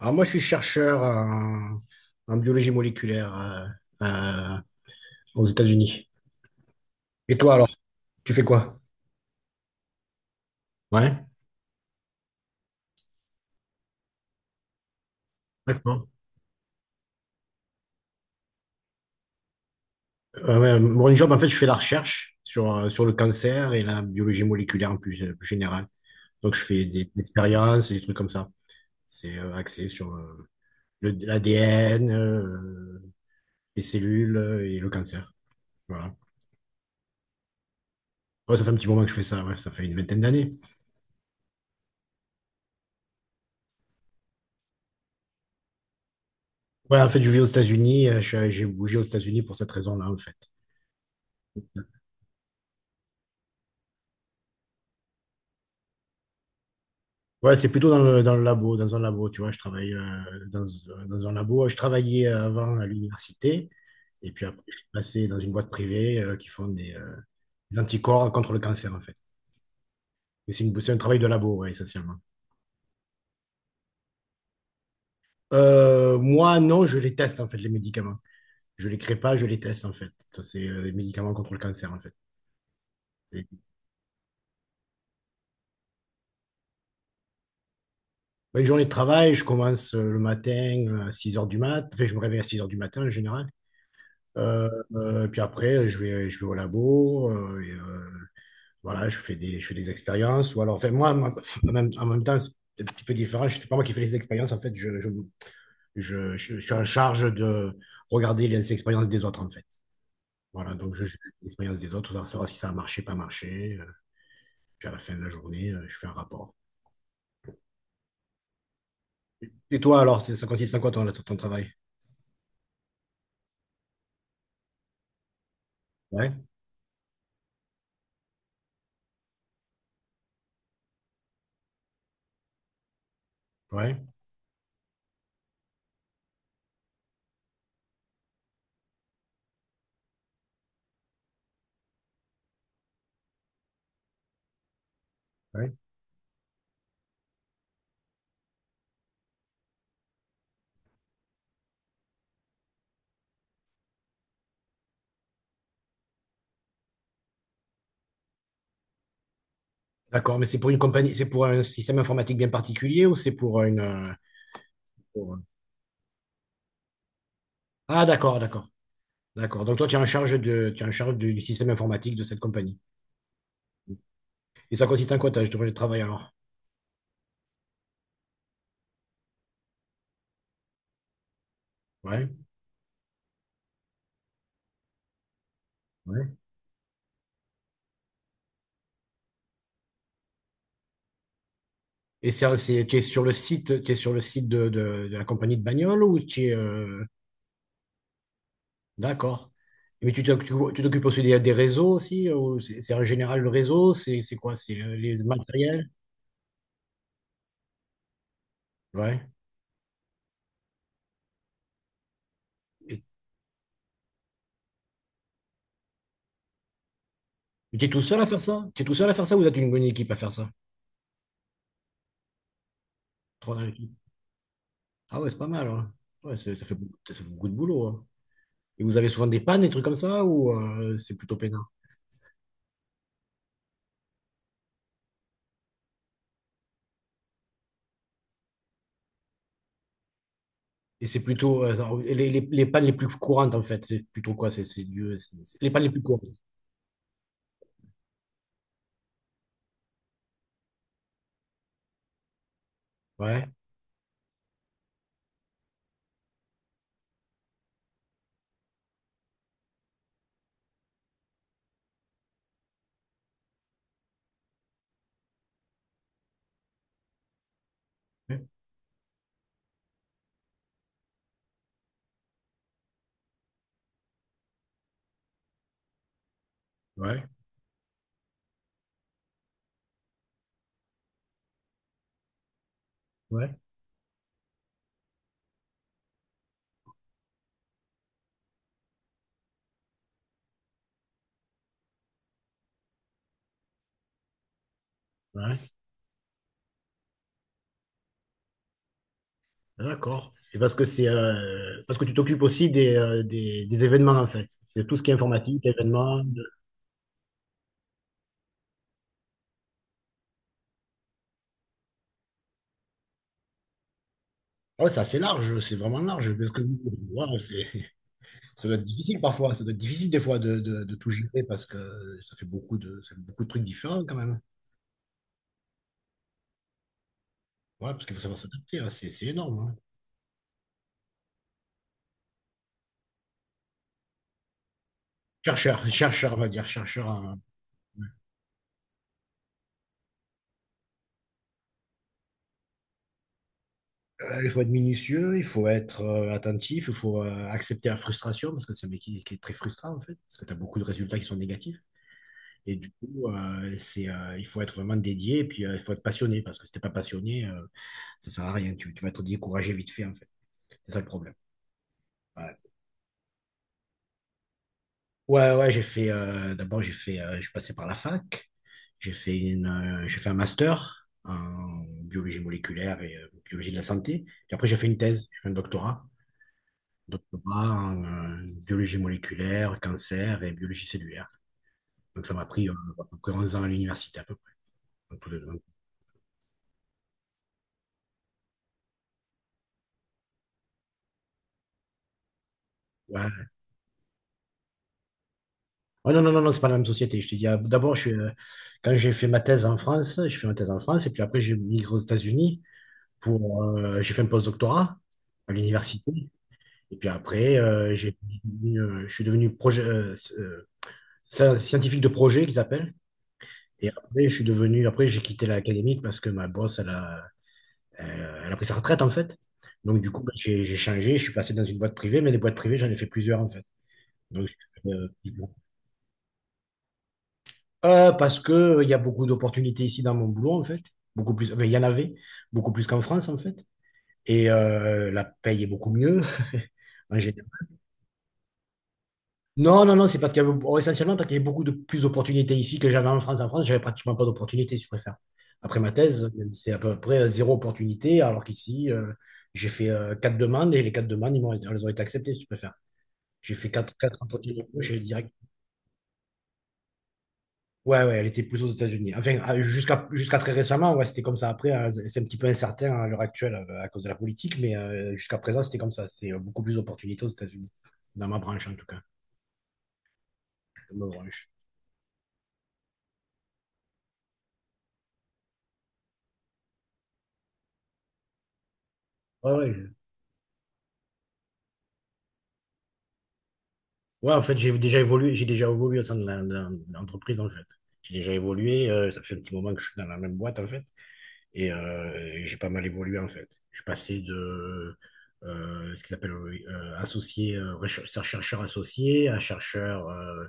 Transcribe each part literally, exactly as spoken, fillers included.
Alors moi, je suis chercheur en, en biologie moléculaire euh, euh, aux États-Unis. Et toi alors, tu fais quoi? Ouais. D'accord. Euh, ouais, mon job, en fait, je fais la recherche sur, euh, sur le cancer et la biologie moléculaire en plus, euh, plus générale. Donc, je fais des, des expériences et des trucs comme ça. C'est euh, axé sur euh, le- l'A D N, euh, les cellules euh, et le cancer. Voilà. Ouais, ça fait un petit moment que je fais ça, ouais, ça fait une vingtaine d'années. Ouais, en fait, je vis aux États-Unis, euh, je suis- j'ai bougé aux États-Unis pour cette raison-là, en fait. Ouais, c'est plutôt dans le, dans le labo, dans un labo, tu vois, je travaille euh, dans, dans un labo. Je travaillais avant à l'université, et puis après, je suis passé dans une boîte privée euh, qui font des, euh, des anticorps contre le cancer, en fait. Et c'est une- c'est un travail de labo, ouais, essentiellement. Euh, moi, non, je les teste, en fait, les médicaments. Je les crée pas, je les teste, en fait. Ça, C'est euh, les médicaments contre le cancer, en fait. Et une journée de travail, je commence euh, le matin à six heures du mat. Enfin, je me réveille à six heures du matin, en général. Euh, euh, puis après, je vais, je vais au labo, euh, et, euh, voilà, je fais des, je fais des expériences. Ou alors, enfin, moi, moi, en même, en même temps, c'est un petit peu différent. C'est pas moi qui fais les expériences. En fait, je, je, je, je je suis en charge de regarder les expériences des autres, en fait. Voilà, donc je juge l'expérience des autres, pour savoir si ça a marché, pas marché. Euh, Puis à la fin de la journée, euh, je fais un rapport. Et toi, alors, c'est- ça consiste en quoi ton, ton travail? Ouais, ouais, ouais. D'accord, mais c'est pour une compagnie, c'est pour un système informatique bien particulier ou c'est pour une. euh, pour- Ah, d'accord, d'accord, d'accord. Donc toi, tu es en charge de, tu es en charge du système informatique de cette compagnie. Et ça consiste en quoi, ta- ton projet de travail alors? Ouais, ouais. Et ça, c'est, tu es sur le site, tu es sur le site de, de- de la compagnie de bagnole ou tu es, euh, d'accord. Mais tu t'oc- tu t'occupes aussi des, des réseaux aussi, ou c'est c'est en général le réseau, c'est c'est quoi? C'est le- les matériels? Ouais. Et, mais tu es tout seul à faire ça? Tu es tout seul à faire ça ou tu as une bonne équipe à faire ça? Trois dans l'équipe. Ah ouais, c'est pas mal, hein. Ouais, c'est- ça fait, beaucoup- ça fait beaucoup de boulot, hein. Et vous avez souvent des pannes, des trucs comme ça, ou euh, c'est plutôt peinard? Et c'est plutôt euh, les, les, les pannes les plus courantes, en fait. C'est plutôt quoi? C'est c'est du- c'est- c'est- Les pannes les plus courantes. Ouais, ouais, ouais, ouais, ouais. D'accord. Et parce que c'est euh, parce que tu t'occupes aussi des, euh, des, des événements, en fait. De tout ce qui est informatique, événements. De- ah ouais, c'est assez large, c'est vraiment large. Parce que ouais, c'est- ça doit être difficile parfois. Ça doit être difficile des fois de, de, de tout gérer parce que ça fait beaucoup de, ça fait beaucoup de trucs différents quand même. Ouais, parce qu'il faut savoir s'adapter, hein, c'est c'est énorme, hein. Chercheur, chercheur, on va dire, chercheur, hein. Euh, Il faut être minutieux, il faut être euh, attentif, il faut euh, accepter la frustration, parce que c'est un métier qui, est très frustrant, en fait, parce que tu as beaucoup de résultats qui sont négatifs. Et du coup, euh, c'est, euh, il faut être vraiment dédié, et puis euh, il faut être passionné, parce que si t'es pas passionné, euh, ça sert à rien. Tu, tu vas être découragé vite fait, en fait. C'est ça le problème. Ouais, ouais, ouais, j'ai fait, euh, d'abord, j'ai fait, euh, je suis passé par la fac, j'ai fait une, euh, j'ai fait un master en biologie moléculaire et euh, biologie de la santé, et après, j'ai fait une thèse, j'ai fait un doctorat. Doctorat en euh, biologie moléculaire, cancer et biologie cellulaire. Donc ça m'a pris euh, à peu près onze ans à l'université à peu près. Donc, tout donc, ouais. Ouais, non, non, non, non, c'est pas la même société. Je te dis, euh, d'abord, je suis, euh, quand j'ai fait ma thèse en France, je fais ma thèse en France et puis après j'ai migré aux États-Unis pour, euh, j'ai fait un post-doctorat à l'université. Et puis après, euh, j'ai, euh, je suis devenu projet, euh, euh, scientifique de projet qu'ils appellent. Et après, je suis devenu, après, j'ai quitté l'académique parce que ma boss, elle a elle, elle a pris sa retraite en fait. Donc du coup, bah, j'ai j'ai changé, je suis passé dans une boîte privée, mais des boîtes privées, j'en ai fait plusieurs en fait. Donc, euh, Euh, parce que euh, il y a beaucoup d'opportunités ici dans mon boulot en fait, beaucoup plus, enfin, il y en avait, beaucoup plus qu'en France en fait. Et euh, la paye est beaucoup mieux en général. Non, non, non, c'est parce qu'il y avait, oh, essentiellement parce qu'il y avait beaucoup de plus d'opportunités ici que j'avais en France. En France, j'avais pratiquement pas d'opportunités, si tu préfères. Après ma thèse, c'est à peu près euh, zéro opportunité, alors qu'ici, euh, j'ai fait euh, quatre demandes et les quatre demandes, ils m'ont, elles ont été acceptées, si tu préfères. J'ai fait quatre, quatre entretiens d'embauche et direct. Ouais, ouais, elle était plus aux États-Unis. Enfin, à- jusqu'à jusqu'à très récemment, ouais, c'était comme ça. Après, hein, c'est c'est un petit peu incertain à l'heure actuelle euh, à cause de la politique, mais euh, jusqu'à présent, c'était comme ça. C'est euh, beaucoup plus d'opportunités aux États-Unis, dans ma branche en tout cas, dans ma branche. Ouais, ouais. Ouais, en fait, j'ai déjà évolué, j'ai déjà évolué au sein de la- de l'entreprise, en fait. J'ai déjà évolué, euh, ça fait un petit moment que je suis dans la même boîte, en fait, et euh, j'ai pas mal évolué, en fait. Je suis passé de euh, ce qu'ils appellent euh, associé, euh, recher- chercheur associé à chercheur, euh,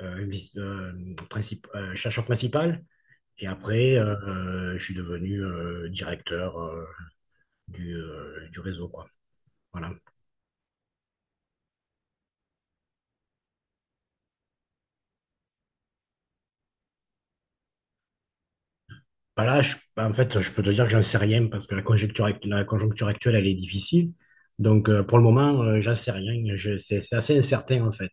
euh, vice- euh, princip- euh, chercheur principal, et après, euh, euh, je suis devenu euh, directeur euh, du, euh, du réseau, quoi. Voilà. Bah là, je- bah, en fait, je peux te dire que j'en sais rien parce que la conjecture, act- la conjoncture actuelle, elle est difficile. Donc, euh, pour le moment, euh, j'en sais rien. Je- c'est c'est assez incertain, en fait.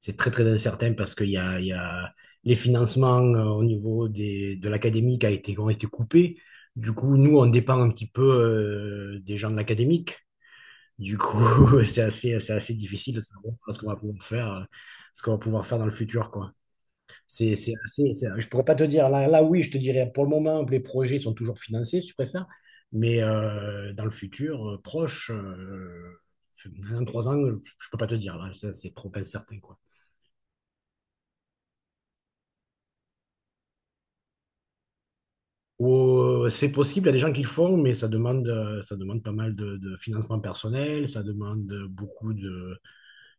C'est très, très incertain parce qu'il y a, il y a les financements euh, au niveau des, de l'académique a été, ont été coupés. Du coup, nous, on dépend un petit peu euh, des gens de l'académique. Du coup, c'est assez, c'est assez difficile de savoir ce qu'on va pouvoir faire, euh, ce qu'on va pouvoir faire dans le futur, quoi. C'est, c'est assez- c'est- je pourrais pas te dire, là, là oui, je te dirais, pour le moment, les projets sont toujours financés, si tu préfères, mais euh, dans le futur, euh, proche, euh, dans trois ans, euh, je peux pas te dire, là, ça, c'est trop incertain, quoi. Ou, euh, c'est possible, il y a des gens qui le font, mais ça demande, euh, ça demande pas mal de, de financement personnel, ça demande beaucoup de,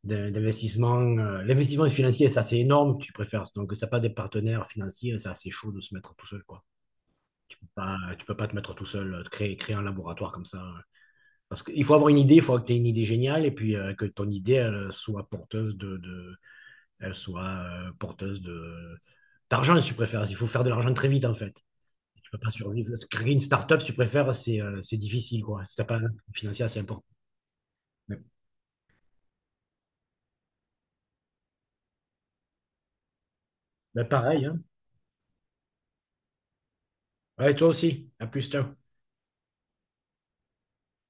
d'in- d'investissement. euh, L'investissement financier, ça, c'est énorme, tu préfères. Donc, si t'as pas des partenaires financiers, c'est assez chaud de se mettre tout seul, quoi. Tu peux pas, tu peux pas te mettre tout seul, euh, créer, créer un laboratoire comme ça. euh. Parce qu'il faut avoir une idée, il faut que tu aies une idée géniale et puis euh, que ton idée, elle euh, soit porteuse de, de- elle soit euh, porteuse de d'argent, si tu préfères. Il faut faire de l'argent très vite, en fait. Tu peux pas survivre. Parce que créer une start-up, si tu préfères, c'est euh, c'est difficile, quoi. Si t'as pas un financier assez important. Mais, mais pareil, hein. Ouais, toi aussi. À plus, ciao.